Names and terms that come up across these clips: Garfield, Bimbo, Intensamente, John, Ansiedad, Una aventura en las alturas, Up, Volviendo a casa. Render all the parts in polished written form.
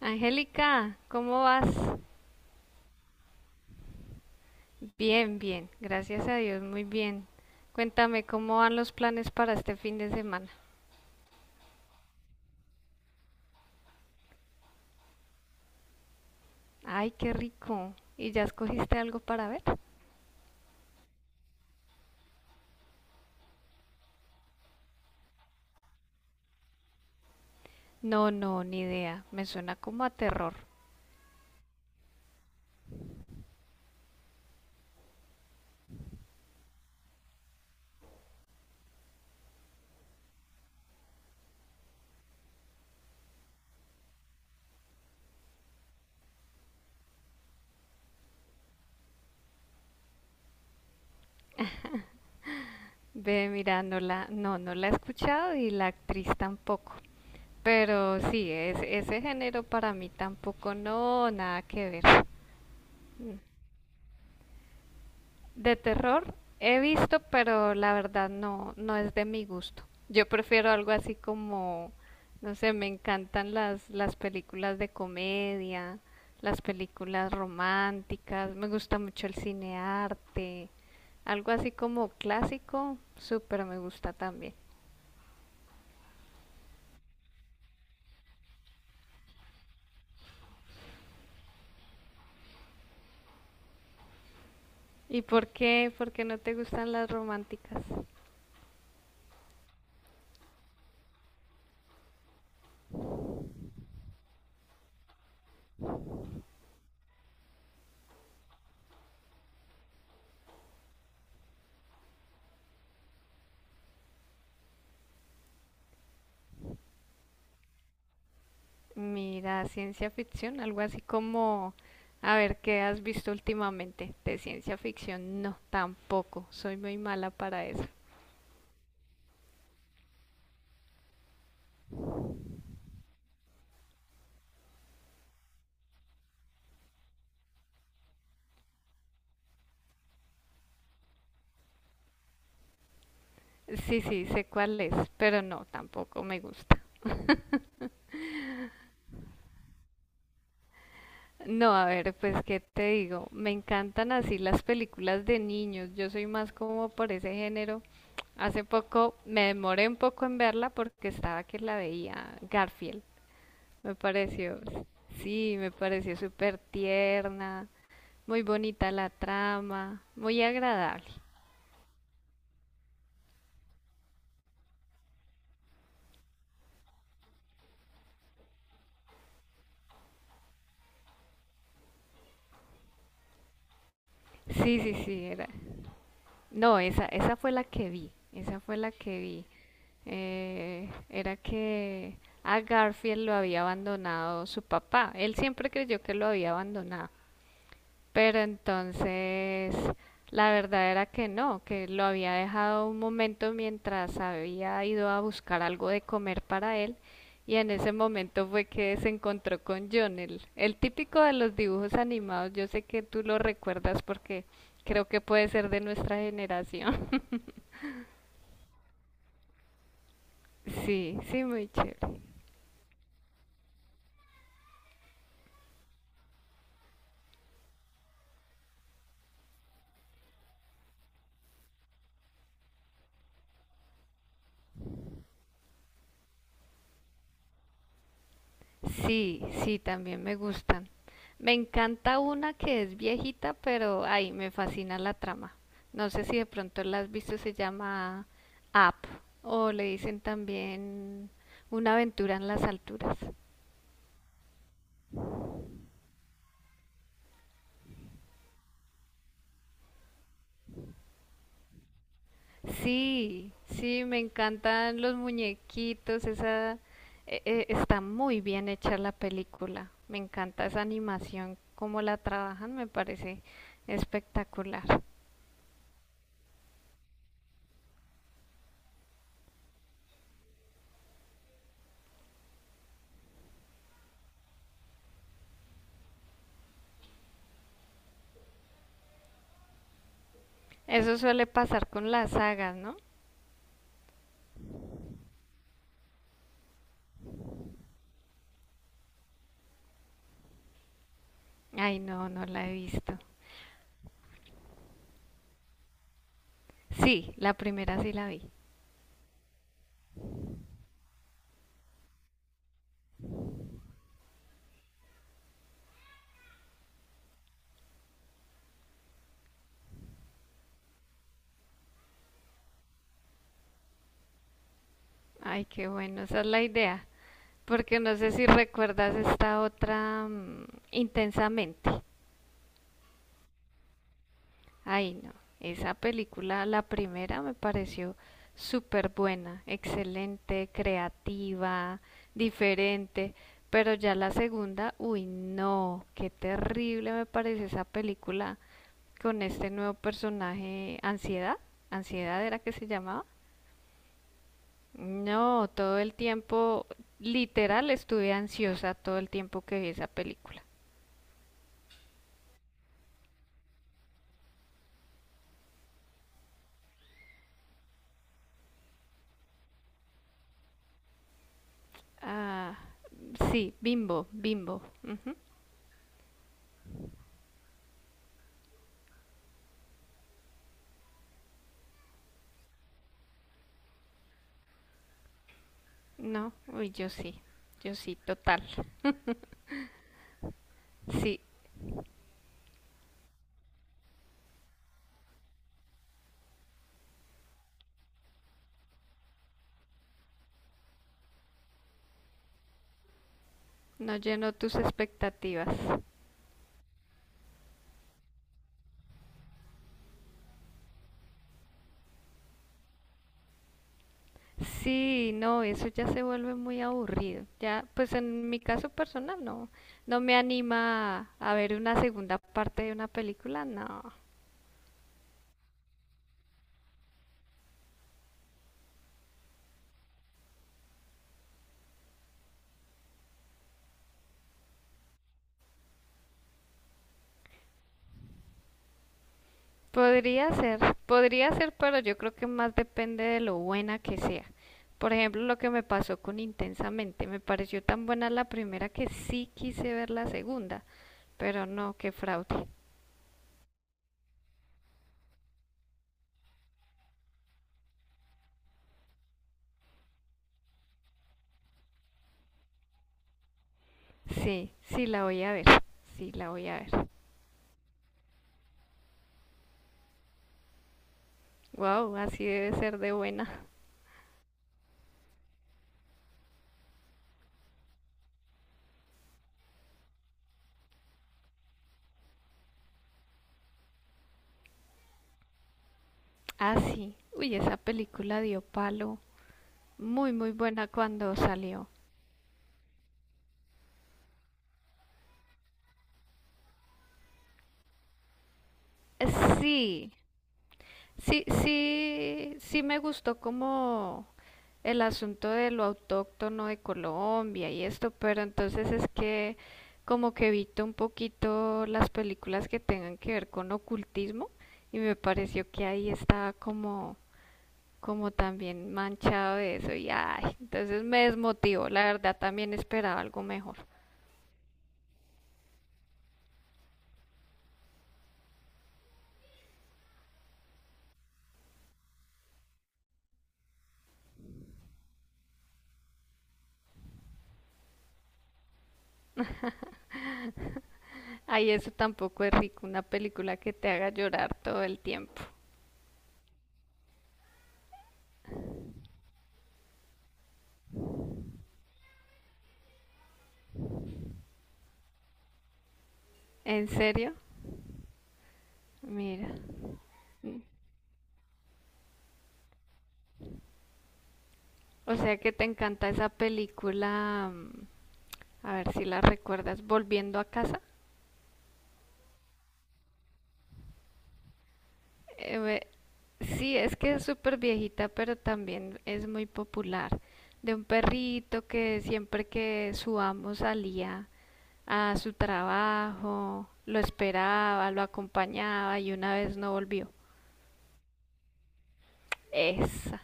Angélica, ¿cómo vas? Bien, bien, gracias a Dios, muy bien. Cuéntame cómo van los planes para este fin de semana. Ay, qué rico. ¿Y ya escogiste algo para ver? No, no, ni idea. Me suena como a terror. Ve, mira, no la he escuchado y la actriz tampoco. Pero sí, es, ese género para mí tampoco, no, nada que ver. De terror he visto, pero la verdad no, no es de mi gusto. Yo prefiero algo así como, no sé, me encantan las películas de comedia, las películas románticas, me gusta mucho el cine arte, algo así como clásico, súper me gusta también. ¿Y por qué no te gustan las románticas? Mira, ciencia ficción, algo así como, a ver, ¿qué has visto últimamente de ciencia ficción? No, tampoco, soy muy mala para eso. Sí, sí, sé cuál es, pero no, tampoco me gusta. No, a ver, pues qué te digo, me encantan así las películas de niños, yo soy más como por ese género. Hace poco me demoré un poco en verla porque estaba que la veía Garfield, me pareció, sí, me pareció súper tierna. Muy bonita la trama, muy agradable. Sí, sí, sí, era. No, esa fue la que vi, esa fue la que vi. Era que a Garfield lo había abandonado su papá. Él siempre creyó que lo había abandonado. Pero entonces la verdad era que no, que lo había dejado un momento mientras había ido a buscar algo de comer para él, y en ese momento fue que se encontró con John, el típico de los dibujos animados. Yo sé que tú lo recuerdas porque creo que puede ser de nuestra generación. Sí, sí, muy chévere. Sí, sí, también me gustan. Me encanta una que es viejita, pero ay, me fascina la trama. No sé si de pronto la has visto, se llama Up, o le dicen también Una aventura en las alturas. Sí, sí, me encantan los muñequitos, esa está muy bien hecha la película. Me encanta esa animación, cómo la trabajan, me parece espectacular. Eso suele pasar con las sagas, ¿no? Ay, no, no la he visto. Sí, la primera sí la vi. Ay, qué bueno, esa es la idea. Porque no sé si recuerdas esta otra, intensamente. Ay, no, esa película, la primera me pareció súper buena, excelente, creativa, diferente. Pero ya la segunda, uy, no, qué terrible me parece esa película con este nuevo personaje, Ansiedad. Ansiedad era que se llamaba. No, todo el tiempo, literal, estuve ansiosa todo el tiempo que vi esa película. Ah, sí, Bimbo, Bimbo. Ujú. No, uy, yo sí, yo sí, total. Sí, no llenó tus expectativas. Sí, no, eso ya se vuelve muy aburrido. Ya, pues en mi caso personal, no, no me anima a ver una segunda parte de una película, no. Podría ser, podría ser, pero yo creo que más depende de lo buena que sea. Por ejemplo, lo que me pasó con Intensamente, me pareció tan buena la primera que sí quise ver la segunda, pero no, qué fraude. Sí, sí la voy a ver, sí la voy a ver. Wow, así debe ser de buena. Ah, sí. Uy, esa película dio palo. Muy, muy buena cuando salió. Sí, sí, sí, sí me gustó como el asunto de lo autóctono de Colombia y esto, pero entonces es que como que evito un poquito las películas que tengan que ver con ocultismo, y me pareció que ahí estaba como también manchado de eso y ay, entonces me desmotivó, la verdad también esperaba algo mejor. Ay, eso tampoco es rico, una película que te haga llorar todo el tiempo. ¿En serio? Mira. O sea que te encanta esa película. A ver si la recuerdas, Volviendo a casa. Eh, sí, es que es súper viejita, pero también es muy popular. De un perrito que siempre que su amo salía a su trabajo, lo esperaba, lo acompañaba y una vez no volvió. Esa,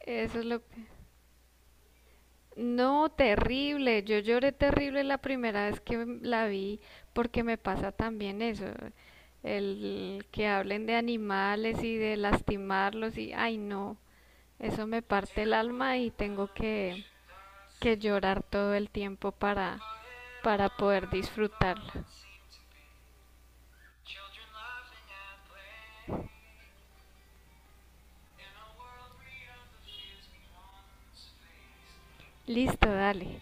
eso es lo... No, terrible. Yo lloré terrible la primera vez que la vi, porque me pasa también eso. El que hablen de animales y de lastimarlos y, ay no, eso me parte el alma y tengo que llorar todo el tiempo para poder disfrutarla. Listo, dale.